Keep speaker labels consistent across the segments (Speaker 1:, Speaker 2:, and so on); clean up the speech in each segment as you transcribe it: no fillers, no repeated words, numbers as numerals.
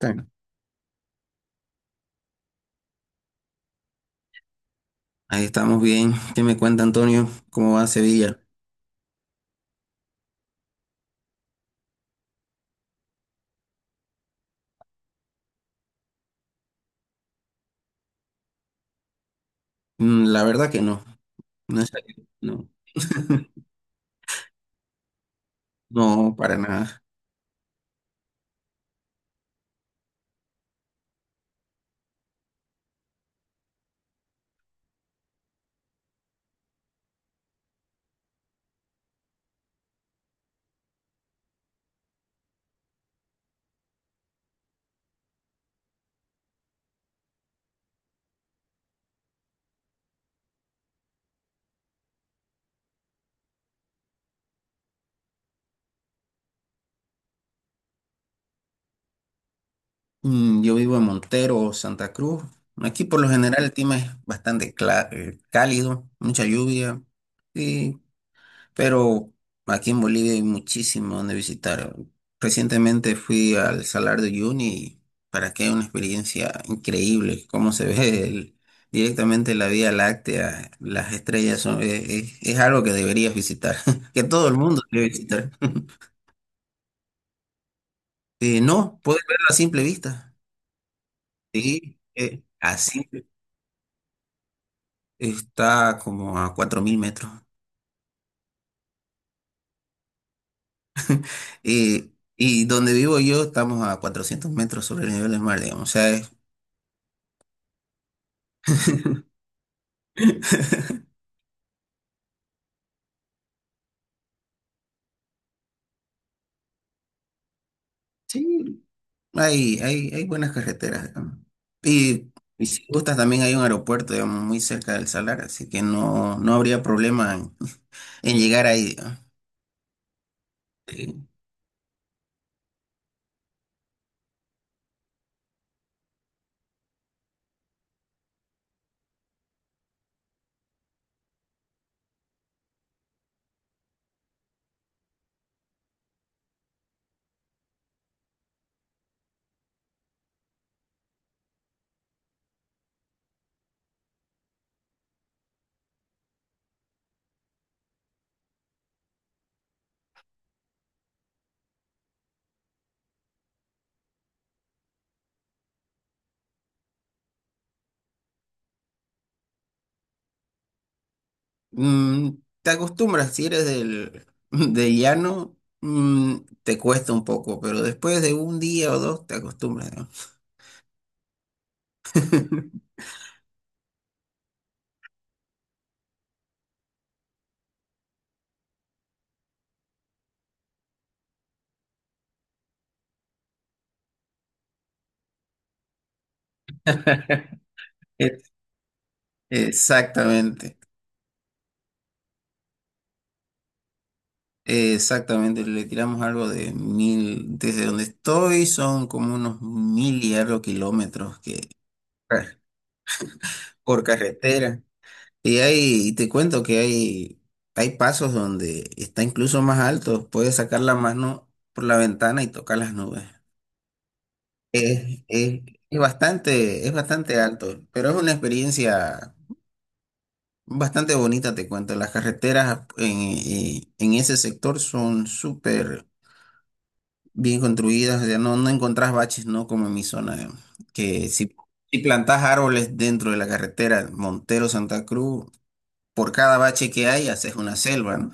Speaker 1: Está- Ahí estamos bien. ¿Qué me cuenta Antonio? ¿Cómo va Sevilla? Mm, la verdad que no. No he salido, no. No, para nada. Yo vivo en Montero, Santa Cruz. Aquí por lo general el clima es bastante cálido, mucha lluvia. y Pero aquí en Bolivia hay muchísimo donde visitar. Recientemente fui al Salar de Uyuni y para que una experiencia increíble, cómo se ve directamente la Vía Láctea, las estrellas es algo que deberías visitar, que todo el mundo debe visitar. No, puedes verlo a simple vista. Sí, a está como a 4.000 metros. Y donde vivo yo estamos a 400 metros sobre el nivel del mar, digamos. O sea, es. Sí, hay buenas carreteras, digamos. Y, y si gustas, también hay un aeropuerto, digamos, muy cerca del Salar, así que no, no habría problema en llegar ahí, digamos. Eh, mm, Te acostumbras, si eres del, del llano, mm, te cuesta un poco, pero después de un día o dos te acostumbras, digamos. Eh, Exactamente, exactamente. Le tiramos algo de 1.000, desde donde estoy son como unos 1.000 y algo de kilómetros . Por carretera. Y te cuento que hay pasos donde está incluso más alto, puedes sacar la mano por la ventana y tocar las nubes. Es, es- es bastante alto, pero es una experiencia bastante bonita, te cuento. Las carreteras en ese sector son súper bien construidas, ya no, no encontrás baches, ¿no? Como en mi zona, que si plantás árboles dentro de la carretera Montero-Santa Cruz, por cada bache que hay haces una selva, ¿no?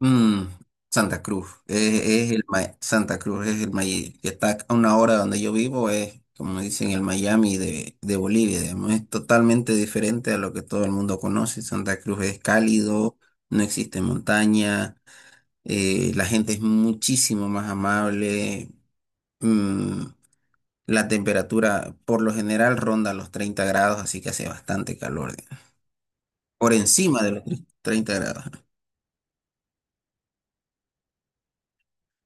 Speaker 1: Mm, Santa Cruz es el Miami, que está a una hora donde yo vivo, es como dicen el Miami de Bolivia, digamos, es totalmente diferente a lo que todo el mundo conoce. Santa Cruz es cálido, no existe montaña, la gente es muchísimo más amable, mm, la temperatura por lo general ronda los 30 grados, así que hace bastante calor, digamos, por encima de los 30 grados.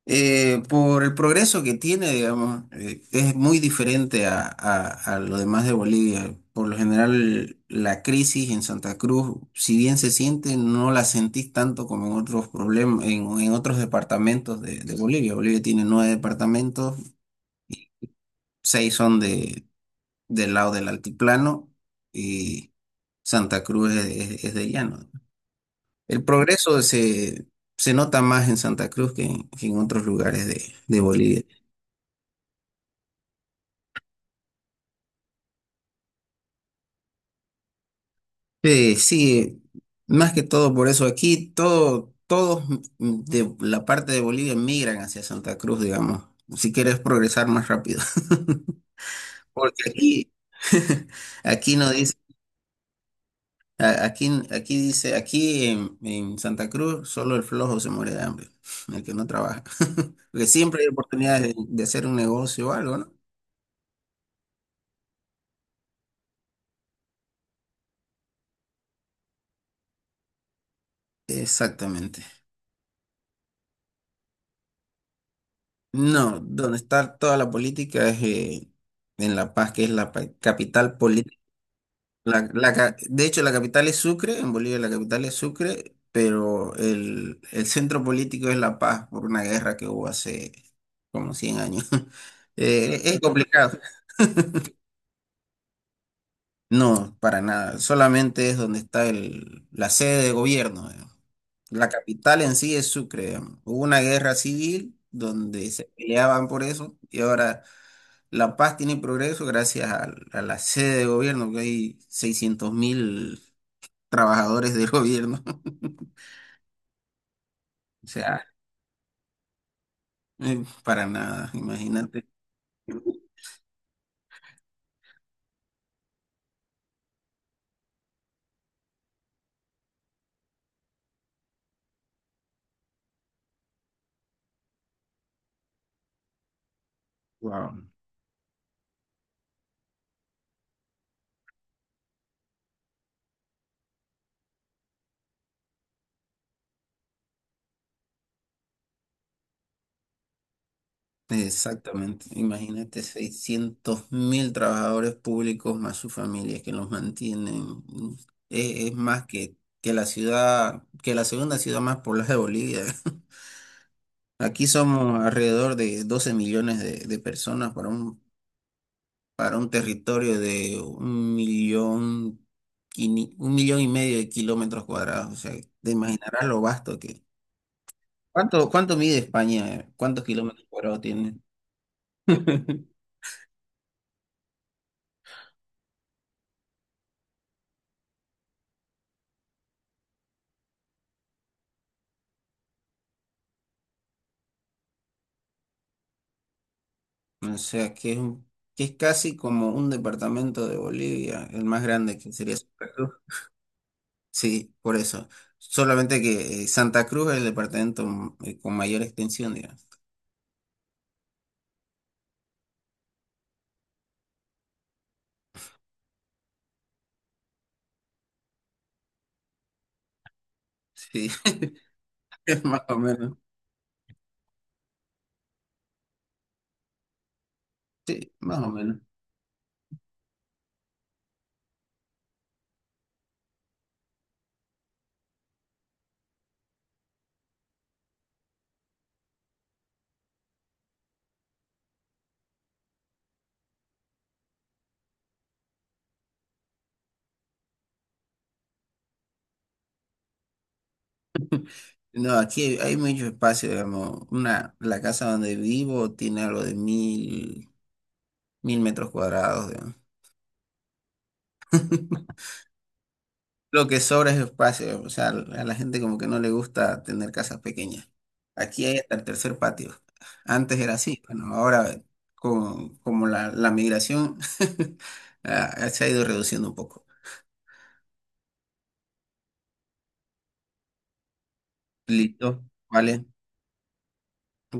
Speaker 1: Por el progreso que tiene, digamos, es muy diferente a, lo demás de Bolivia. Por lo general, la crisis en Santa Cruz, si bien se siente, no la sentís tanto como en otros problemas, en otros departamentos de Bolivia. Bolivia tiene 9 departamentos, 6 son del lado del altiplano y Santa Cruz es de llano. El progreso se nota más en Santa Cruz que en otros lugares de Bolivia. Sí, sí, más que todo por eso aquí todos de la parte de Bolivia migran hacia Santa Cruz, digamos, si quieres progresar más rápido. Porque aquí, aquí no dice, aquí dice, aquí en Santa Cruz solo el flojo se muere de hambre, el que no trabaja. Porque siempre hay oportunidades de hacer un negocio o algo, ¿no? Exactamente. No, donde está toda la política es en La Paz, que es la capital política. De hecho, la capital es Sucre, en Bolivia la capital es Sucre, pero el centro político es La Paz por una guerra que hubo hace como 100 años. Es complicado. No, para nada. Solamente es donde está la sede de gobierno, digamos. La capital en sí es Sucre, digamos. Hubo una guerra civil donde se peleaban por eso y ahora La Paz tiene progreso gracias a la sede de gobierno, que hay 600.000 trabajadores del gobierno. O sea, para nada, imagínate. Wow. Exactamente, imagínate 600.000 trabajadores públicos más sus familias que los mantienen. Es más que la ciudad, que la segunda ciudad más poblada de Bolivia. Aquí somos alrededor de 12 millones de personas para un territorio de 1,5 millones de kilómetros cuadrados. O sea, te imaginarás lo vasto que. ¿Cuánto mide España? ¿Cuántos kilómetros cuadrados tiene? O sea, que es casi como un departamento de Bolivia, el más grande que sería Santa Cruz. Sí, por eso. Solamente que Santa Cruz es el departamento con mayor extensión, digamos. Sí, es más o menos. Sí, más o menos. No, aquí hay mucho espacio, digamos. La casa donde vivo tiene algo de mil metros cuadrados, digamos. Lo que sobra es espacio, o sea, a la gente como que no le gusta tener casas pequeñas. Aquí hay hasta el tercer patio. Antes era así, bueno, ahora como la migración se ha ido reduciendo un poco. Listo, vale.